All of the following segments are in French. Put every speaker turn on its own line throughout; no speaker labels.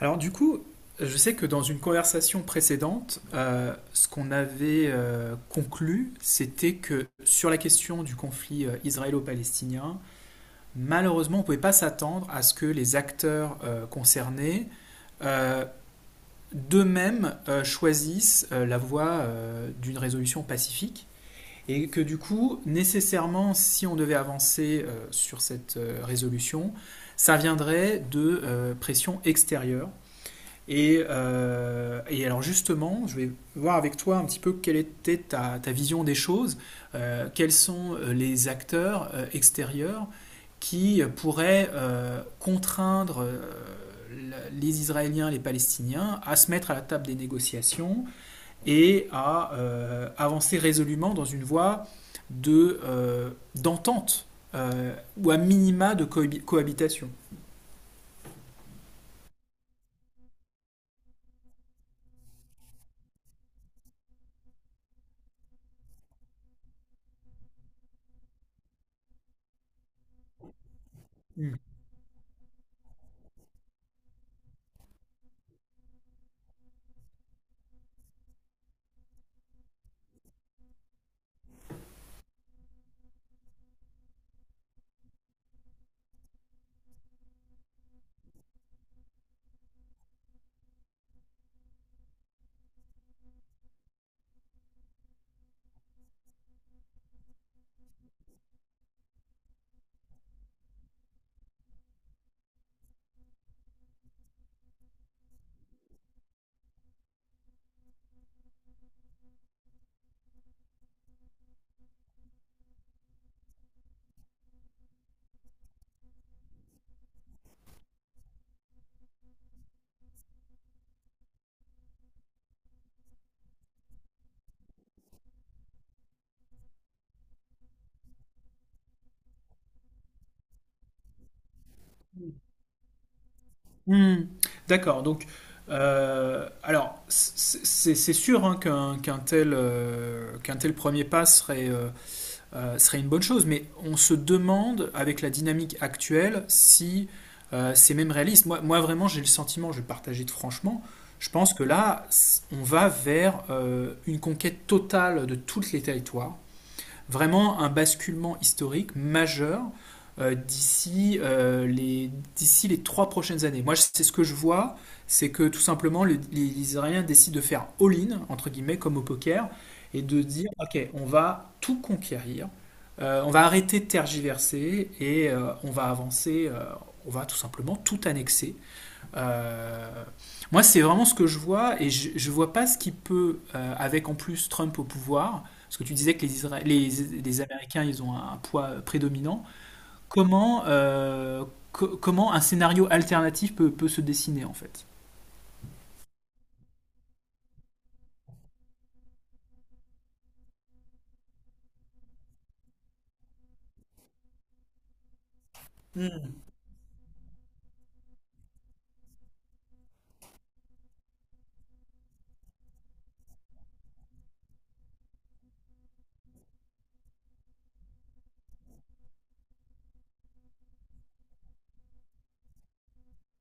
Alors du coup, je sais que dans une conversation précédente, ce qu'on avait conclu, c'était que sur la question du conflit israélo-palestinien, malheureusement, on ne pouvait pas s'attendre à ce que les acteurs concernés euh, d'eux-mêmes choisissent la voie d'une résolution pacifique. Et que du coup, nécessairement, si on devait avancer sur cette résolution, ça viendrait de pressions extérieures et, alors justement, je vais voir avec toi un petit peu quelle était ta vision des choses, quels sont les acteurs extérieurs qui pourraient contraindre les Israéliens, les Palestiniens à se mettre à la table des négociations et à avancer résolument dans une voie d'entente de, euh, d'entente, ou à minima de cohabitation. Mmh. Hmm, d'accord. Donc, alors, c'est sûr hein, qu'un tel premier pas serait une bonne chose, mais on se demande, avec la dynamique actuelle, si c'est même réaliste. Moi, vraiment, j'ai le sentiment, je vais partager de franchement, je pense que là, on va vers une conquête totale de tous les territoires, vraiment un basculement historique majeur euh, d'ici euh, les, d'ici les 3 prochaines années. Moi, c'est ce que je vois, c'est que tout simplement, les Israéliens décident de faire all-in, entre guillemets, comme au poker, et de dire, OK, on va tout conquérir, on va arrêter de tergiverser, et on va avancer, on va tout simplement tout annexer. Euh, moi, c'est vraiment ce que je vois, et je vois pas ce qui peut, avec en plus Trump au pouvoir, parce que tu disais que les Américains, ils ont un poids prédominant, comment, euh, comment un scénario alternatif peut se dessiner, en fait? Hmm.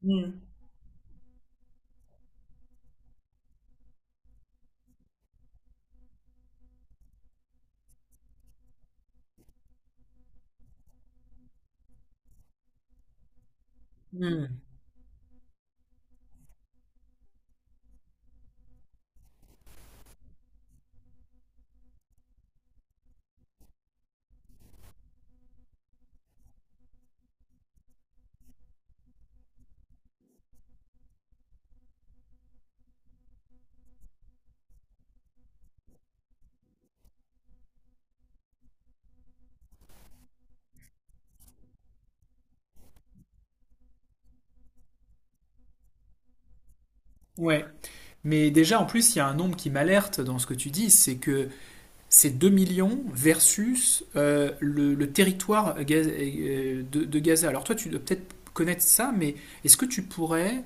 Hmm. Hmm. Ouais. Mais déjà, en plus, il y a un nombre qui m'alerte dans ce que tu dis, c'est que ces 2 millions versus le territoire de Gaza. Alors toi, tu dois peut-être connaître ça, mais est-ce que tu pourrais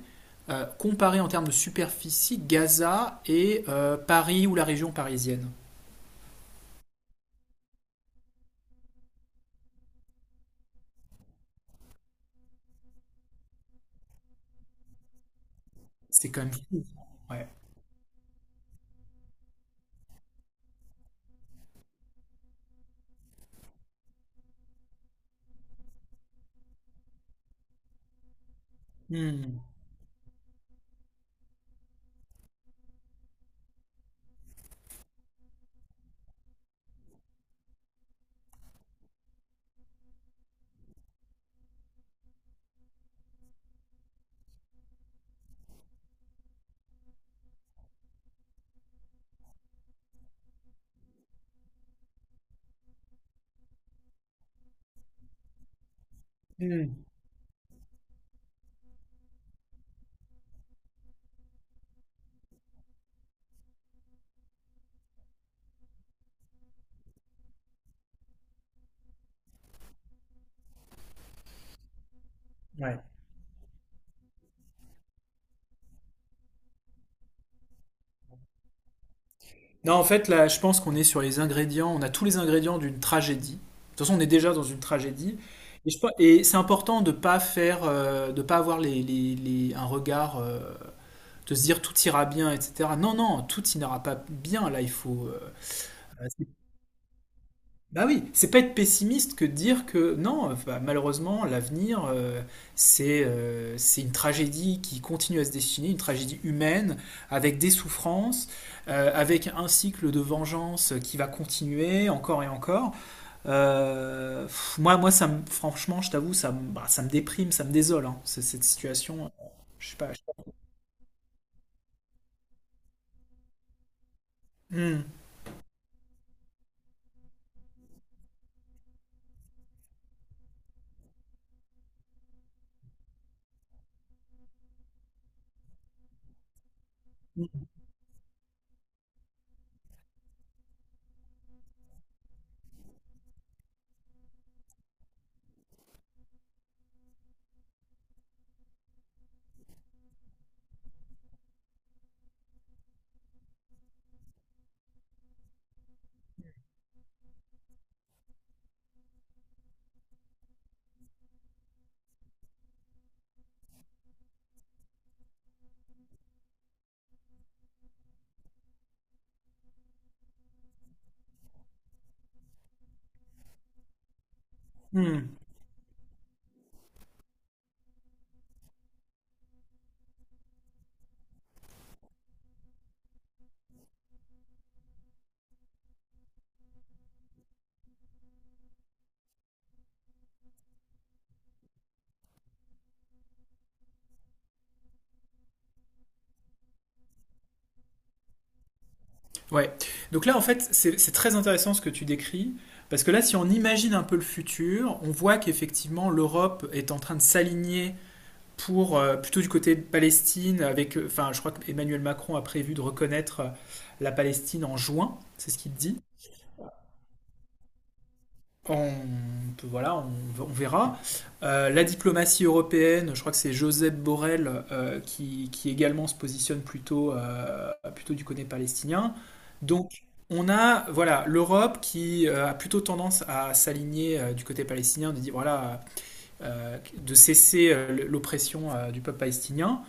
comparer en termes de superficie Gaza et Paris ou la région parisienne? C'est quand même fou. Ouais. Hmm. Hmm. Ouais. Non, en fait, là, je pense qu'on est sur les ingrédients, on a tous les ingrédients d'une tragédie. De toute façon, on est déjà dans une tragédie. Et c'est important de pas faire, de pas avoir un regard, de se dire tout ira bien, etc. Non, non, tout n'ira pas bien. Là, il faut. Euh, c'est- Bah oui, c'est pas être pessimiste que de dire que non, bah, malheureusement, l'avenir, c'est une tragédie qui continue à se dessiner, une tragédie humaine, avec des souffrances, avec un cycle de vengeance qui va continuer encore et encore. Moi ça me, franchement, je t'avoue, bah, ça me déprime, ça me désole, hein, cette situation. Je sais pas. Hmm. Hmm. Hmm. Ouais. Donc là, en fait, c'est très intéressant ce que tu décris, parce que là, si on imagine un peu le futur, on voit qu'effectivement, l'Europe est en train de s'aligner pour, plutôt du côté de Palestine, avec, enfin, je crois qu'Emmanuel Macron a prévu de reconnaître la Palestine en juin, c'est ce qu'il dit. On voilà, on verra. La diplomatie européenne, je crois que c'est Josep Borrell qui également se positionne plutôt du côté palestinien. Donc on a, voilà, l'Europe qui a plutôt tendance à s'aligner du côté palestinien, de dire voilà de cesser l'oppression du peuple palestinien.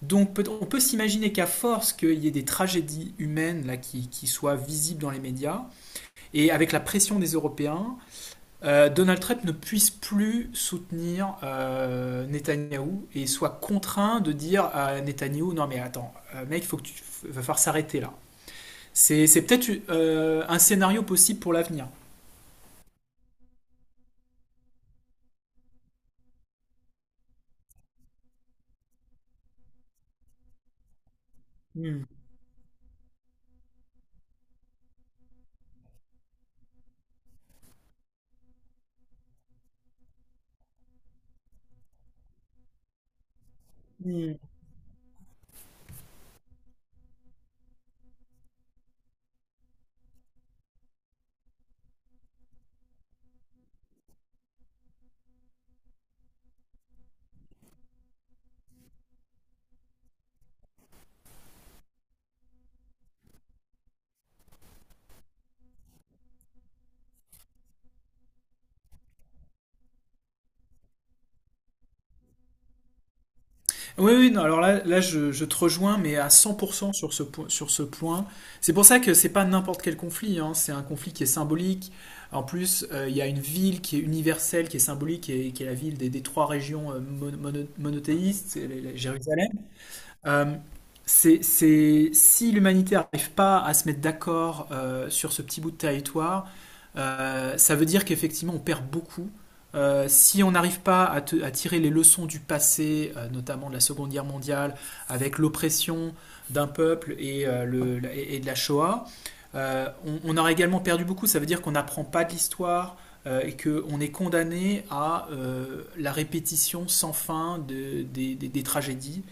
Donc on peut s'imaginer qu'à force qu'il y ait des tragédies humaines là qui, soient visibles dans les médias et avec la pression des Européens, Donald Trump ne puisse plus soutenir Netanyahou et soit contraint de dire à Netanyahou non mais attends, mec, faut que tu va falloir s'arrêter là. C'est peut-être un scénario possible pour l'avenir. Hmm. Hmm. Oui, oui, non, alors là, je te rejoins, mais à 100% sur ce point. C'est pour ça que c'est pas n'importe quel conflit, hein, c'est un conflit qui est symbolique. En plus, il y a une ville qui est universelle, qui est symbolique, et qui est la ville des trois régions monothéistes, c'est Jérusalem. Euh, si l'humanité n'arrive pas à se mettre d'accord sur ce petit bout de territoire, ça veut dire qu'effectivement on perd beaucoup. Si on n'arrive pas à tirer les leçons du passé, notamment de la Seconde Guerre mondiale, avec l'oppression d'un peuple et de la Shoah, on aurait également perdu beaucoup. Ça veut dire qu'on n'apprend pas de l'histoire et qu'on est condamné à la répétition sans fin des tragédies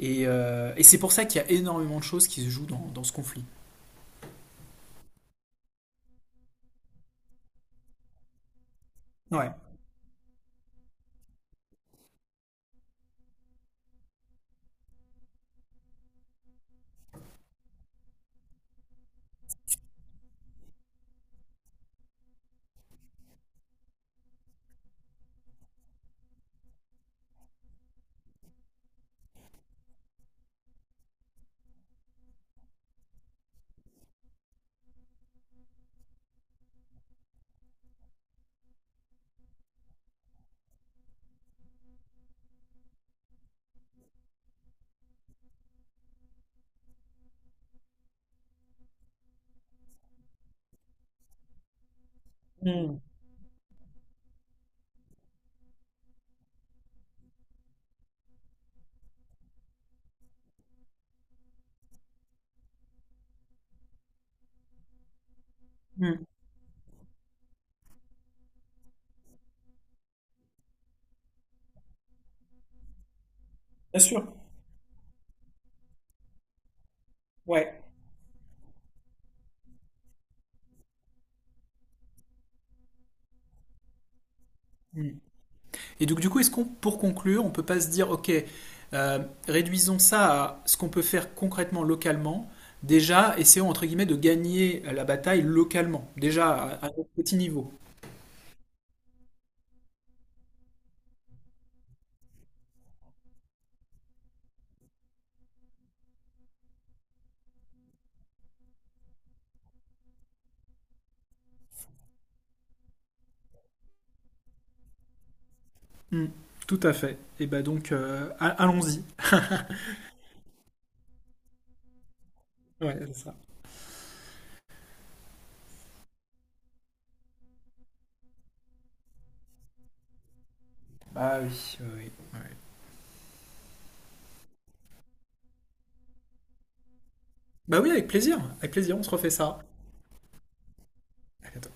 et c'est pour ça qu'il y a énormément de choses qui se jouent dans ce conflit. Ouais. Mm. Mm. Bien sûr. Ouais. Mm. Et donc du coup, est-ce qu'on, pour conclure, on peut pas se dire, ok, euh, réduisons ça à ce qu'on peut faire concrètement localement. Déjà, essayons entre guillemets de gagner la bataille localement, déjà à notre petit niveau. Mmh. Tout à fait. Et bah donc, allons-y. Ouais, c'est ça. Bah oui. Oui, oui. Bah oui, avec plaisir. Avec plaisir, on se refait ça. À bientôt.